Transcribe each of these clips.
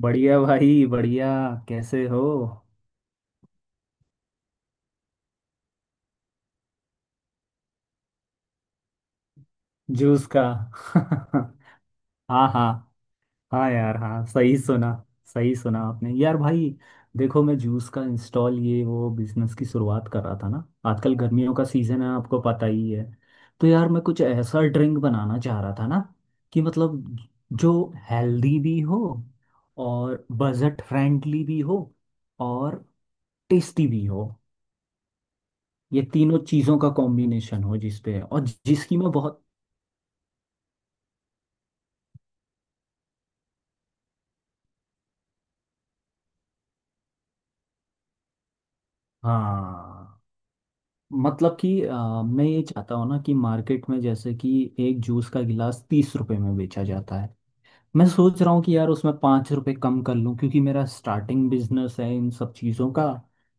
बढ़िया भाई, बढ़िया। कैसे हो? जूस का हाँ हाँ। हाँ यार, हाँ, सही सुना। सही सुना आपने यार भाई। देखो, मैं जूस का इंस्टॉल ये वो बिजनेस की शुरुआत कर रहा था ना। आजकल गर्मियों का सीजन है, आपको पता ही है। तो यार मैं कुछ ऐसा ड्रिंक बनाना चाह रहा था ना कि मतलब जो हेल्दी भी हो, और बजट फ्रेंडली भी हो, और टेस्टी भी हो। ये तीनों चीज़ों का कॉम्बिनेशन हो जिसपे और जिसकी मैं बहुत। हाँ। मतलब कि मैं ये चाहता हूँ ना कि मार्केट में जैसे कि एक जूस का गिलास 30 रुपए में बेचा जाता है। मैं सोच रहा हूँ कि यार उसमें 5 रुपए कम कर लूँ, क्योंकि मेरा स्टार्टिंग बिजनेस है इन सब चीज़ों का।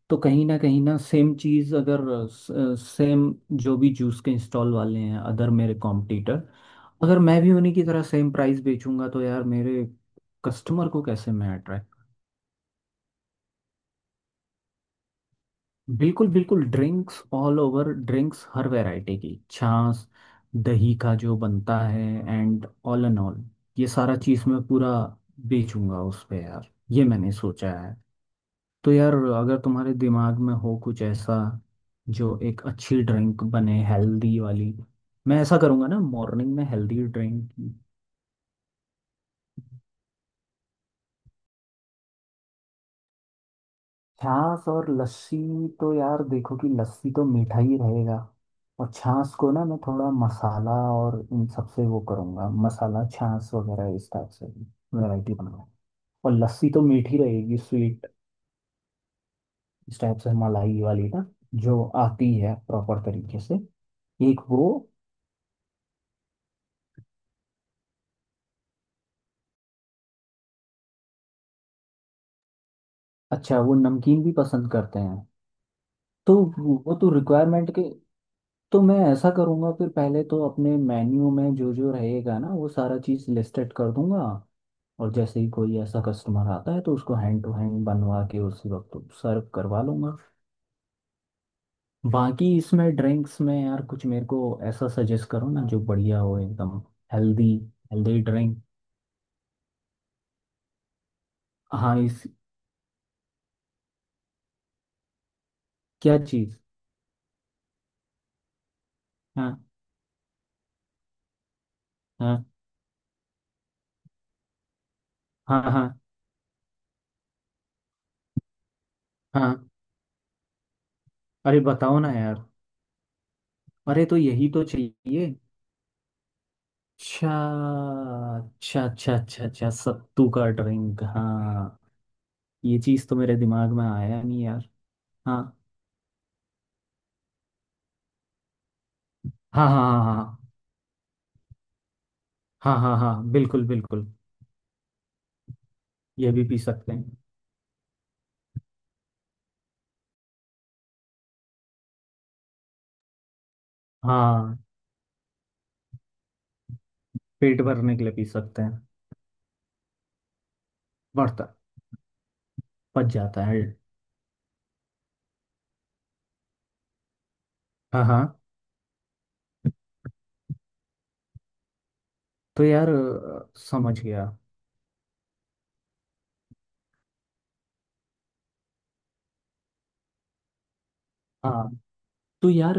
तो कहीं ना सेम चीज़ अगर सेम, जो भी जूस के स्टॉल वाले हैं अदर मेरे कॉम्पिटिटर, अगर मैं भी उन्हीं की तरह सेम प्राइस बेचूंगा तो यार मेरे कस्टमर को कैसे मैं अट्रैक्ट। बिल्कुल बिल्कुल, ड्रिंक्स ऑल ओवर, ड्रिंक्स हर वैरायटी की, छाछ, दही का जो बनता है, एंड एंड ऑल ये सारा चीज़ मैं पूरा बेचूंगा उस पे यार, ये मैंने सोचा है। तो यार अगर तुम्हारे दिमाग में हो कुछ ऐसा जो एक अच्छी ड्रिंक बने, हेल्दी वाली। मैं ऐसा करूंगा ना, मॉर्निंग में हेल्दी ड्रिंक, छाछ और लस्सी। तो यार देखो कि लस्सी तो मीठा ही रहेगा, और छाछ को ना मैं थोड़ा मसाला और इन सबसे वो करूँगा, मसाला छाछ वगैरह इस टाइप से वैरायटी बनाऊंगा। और लस्सी तो मीठी रहेगी, स्वीट, इस टाइप से, मलाई वाली ना, जो आती है प्रॉपर तरीके से। एक वो। अच्छा, वो नमकीन भी पसंद करते हैं, तो वो तो रिक्वायरमेंट के। तो मैं ऐसा करूँगा फिर। पहले तो अपने मेन्यू में जो जो रहेगा ना, वो सारा चीज़ लिस्टेड कर दूंगा, और जैसे ही कोई ऐसा कस्टमर आता है तो उसको हैंड टू हैंड बनवा के उसी वक्त सर्व करवा लूंगा। बाकी इसमें ड्रिंक्स में यार कुछ मेरे को ऐसा सजेस्ट करो ना, जो बढ़िया हो एकदम, हेल्दी, हेल्दी ड्रिंक। हाँ इस। क्या चीज़? हाँ हाँ हाँ हाँ हाँ। अरे बताओ ना यार। अरे तो यही तो चाहिए। अच्छा। अच्छा अच्छा अच्छा अच्छा, सत्तू का ड्रिंक, हाँ। ये चीज़ तो मेरे दिमाग में आया नहीं यार। हाँ हाँ हाँ हाँ। हाँ हाँ हाँ हाँ, बिल्कुल बिल्कुल। ये भी पी सकते हैं। हाँ, पेट भरने के लिए पी सकते हैं। बढ़ता। पच जाता है। हाँ हाँ। तो यार समझ गया। हाँ। तो यार।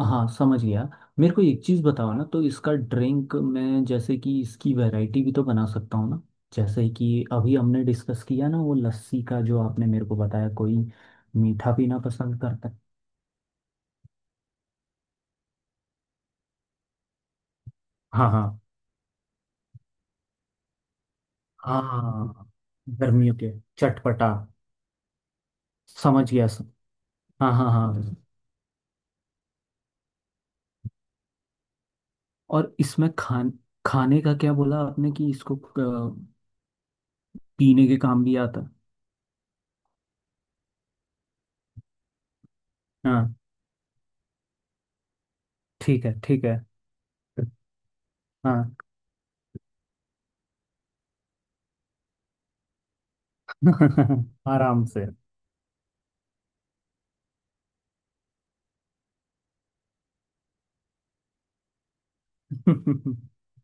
हाँ, समझ गया। मेरे को एक चीज़ बताओ ना, तो इसका ड्रिंक मैं जैसे कि इसकी वैरायटी भी तो बना सकता हूँ ना? जैसे कि अभी हमने डिस्कस किया ना, वो लस्सी का जो आपने मेरे को बताया, कोई मीठा पीना पसंद करता है। हाँ हाँ हाँ, गर्मियों के, चटपटा, समझ गया, हाँ हाँ हाँ। और इसमें खान, खाने का क्या बोला आपने कि इसको पीने के काम भी आता है। हाँ। ठीक है ठीक है। हाँ। आराम से।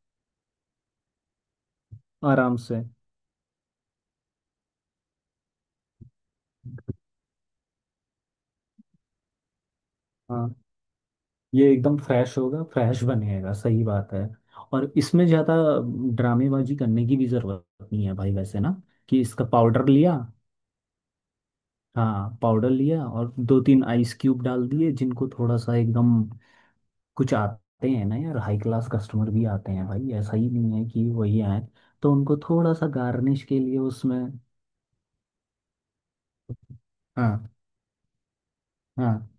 आराम से। हाँ ये एकदम फ्रेश होगा, फ्रेश बनेगा, सही बात है। और इसमें ज़्यादा ड्रामेबाजी करने की भी ज़रूरत नहीं है भाई वैसे ना, कि इसका पाउडर लिया, हाँ, पाउडर लिया और दो तीन आइस क्यूब डाल दिए, जिनको थोड़ा सा एकदम। कुछ आते हैं ना यार, हाई क्लास कस्टमर भी आते हैं भाई, ऐसा ही नहीं है कि वही आए। तो उनको थोड़ा सा गार्निश के लिए उसमें। हाँ हाँ।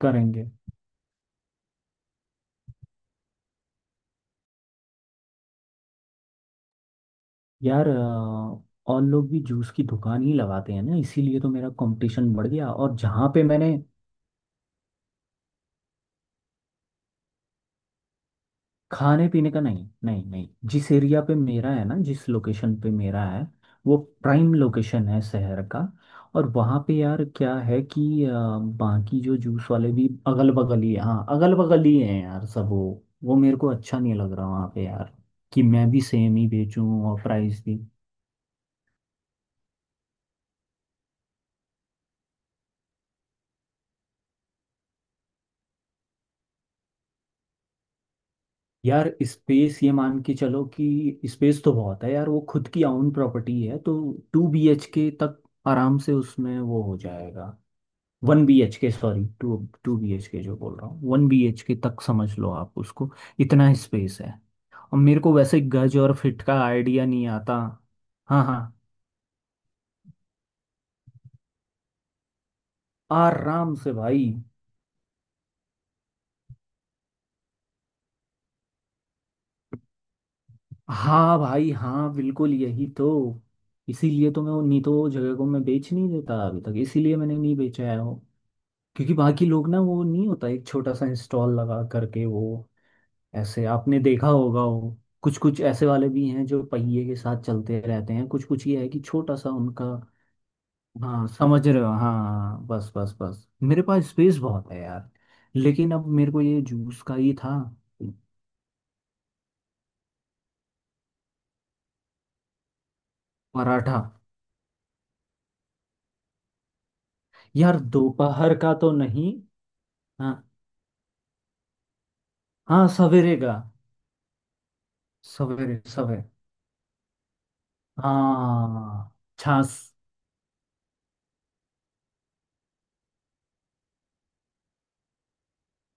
करेंगे। यार और लोग भी जूस की दुकान ही लगाते हैं ना, इसीलिए तो मेरा कंपटीशन बढ़ गया। और जहाँ पे मैंने खाने पीने का, नहीं नहीं नहीं, जिस एरिया पे मेरा है ना, जिस लोकेशन पे मेरा है, वो प्राइम लोकेशन है शहर का। और वहाँ पे यार क्या है कि बाकी जो जूस वाले भी अगल बगल ही, हाँ, अगल बगल ही हैं यार सब वो। वो मेरे को अच्छा नहीं लग रहा वहाँ पे यार, कि मैं भी सेम ही बेचूं और प्राइस भी। यार स्पेस, ये मान के चलो कि स्पेस तो बहुत है यार, वो खुद की आउन प्रॉपर्टी है। तो 2BHK तक आराम से उसमें वो हो जाएगा। 1BHK, सॉरी, टू, 2BHK जो बोल रहा हूँ, 1BHK तक समझ लो आप उसको। इतना स्पेस है। और मेरे को वैसे गज और फिट का आइडिया नहीं आता। हाँ हाँ, आराम से भाई। हाँ भाई, हाँ, बिल्कुल, यही तो। इसीलिए तो मैं वो, नहीं, तो वो जगह को मैं बेच नहीं देता अभी तक, इसीलिए मैंने नहीं बेचा है वो। क्योंकि बाकी लोग ना वो नहीं होता, एक छोटा सा इंस्टॉल लगा करके वो, ऐसे आपने देखा होगा, वो कुछ कुछ ऐसे वाले भी हैं जो पहिए के साथ चलते रहते हैं, कुछ कुछ ये है कि छोटा सा उनका। हाँ समझ रहे हो, हाँ हाँ, हाँ, बस बस बस, मेरे पास स्पेस बहुत है यार। लेकिन अब मेरे को ये जूस का ही था। पराठा? यार दोपहर का तो नहीं, हाँ हाँ, सवेरे का, सवेरे सवेरे, हाँ, छाछ।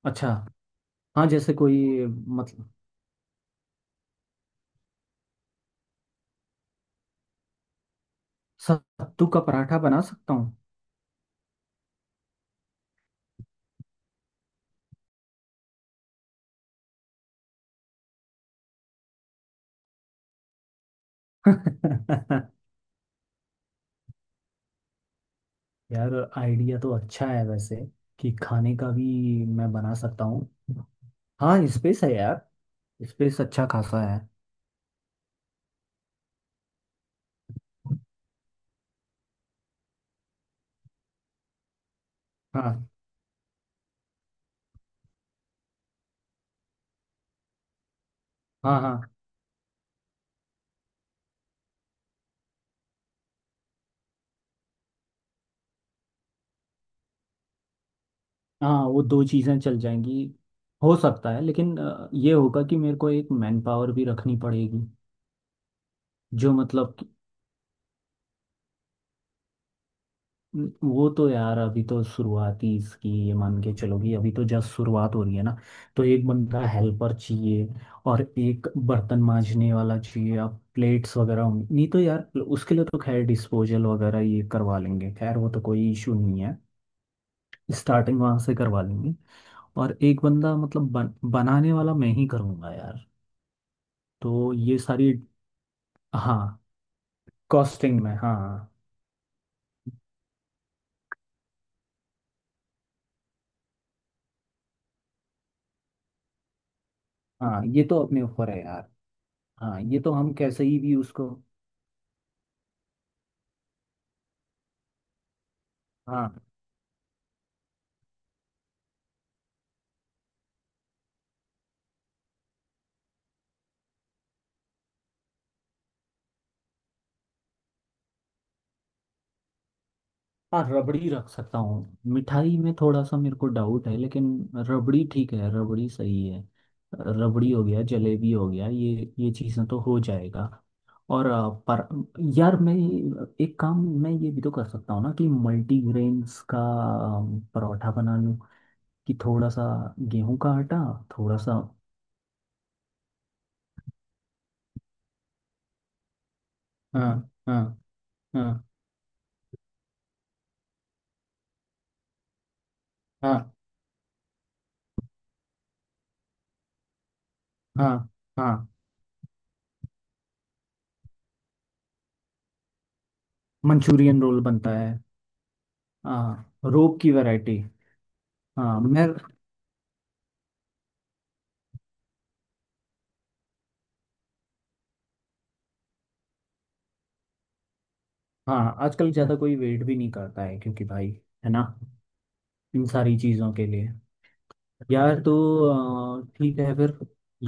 अच्छा, हाँ, जैसे कोई मतलब। सत्तू का पराठा बना सकता हूँ। यार आइडिया तो अच्छा है वैसे, कि खाने का भी मैं बना सकता हूँ। हाँ स्पेस है यार, स्पेस अच्छा खासा है। हाँ हाँ हाँ हाँ, वो दो चीज़ें चल जाएंगी। हो सकता है, लेकिन ये होगा कि मेरे को एक मैन पावर भी रखनी पड़ेगी। जो मतलब, वो तो यार अभी तो शुरुआती इसकी, ये मान के चलो कि अभी तो जस्ट शुरुआत हो रही है ना। तो एक बंदा हेल्पर चाहिए, और एक बर्तन मांजने वाला चाहिए। अब प्लेट्स वगैरह होंगी नहीं तो यार उसके लिए तो खैर डिस्पोजल वगैरह ये करवा लेंगे, खैर वो तो कोई इशू नहीं है। स्टार्टिंग वहां से करवा लेंगे। और एक बंदा मतलब बनाने वाला मैं ही करूँगा यार। तो ये सारी, हाँ, कॉस्टिंग में, हाँ। हाँ, ये तो अपने ऊपर है यार। हाँ, ये तो हम कैसे ही भी उसको। हाँ हाँ, रबड़ी रख सकता हूँ, मिठाई में थोड़ा सा मेरे को डाउट है, लेकिन रबड़ी ठीक है, रबड़ी सही है। रबड़ी हो गया, जलेबी हो गया, ये चीज़ें तो हो जाएगा। और पर यार मैं, एक काम मैं ये भी तो कर सकता हूँ ना कि मल्टीग्रेन्स का परोठा बना लूँ, कि थोड़ा सा गेहूं का आटा, थोड़ा सा। हाँ हाँ हाँ हाँ हाँ हाँ। मंचूरियन रोल बनता है। हाँ, रोप की वैरायटी। हाँ मैं। हाँ, आजकल ज़्यादा कोई वेट भी नहीं करता है क्योंकि भाई, है ना, इन सारी चीज़ों के लिए। यार, तो ठीक है फिर,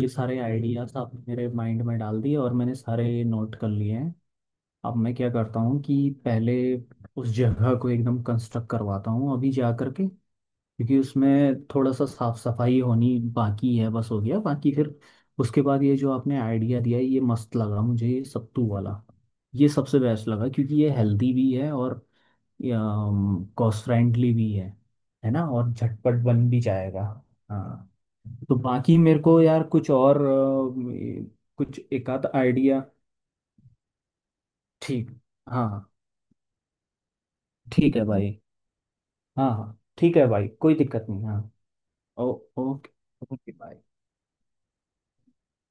ये सारे आइडियाज़ आपने मेरे माइंड में डाल दिए और मैंने सारे नोट कर लिए हैं। अब मैं क्या करता हूँ कि पहले उस जगह को एकदम कंस्ट्रक्ट करवाता हूँ अभी जा करके, क्योंकि उसमें थोड़ा सा साफ सफाई होनी बाकी है, बस हो गया बाकी। फिर उसके बाद, ये जो आपने आइडिया दिया है, ये मस्त लगा मुझे, ये सत्तू वाला, ये सबसे बेस्ट लगा, क्योंकि ये हेल्दी भी है और कॉस्ट फ्रेंडली भी है ना, और झटपट बन भी जाएगा। हाँ। तो बाकी मेरे को यार कुछ और ये, कुछ एक आध आइडिया। ठीक। हाँ ठीक है भाई। हाँ हाँ ठीक है भाई, कोई दिक्कत नहीं, हाँ। ओ, ओके, ओके बाय।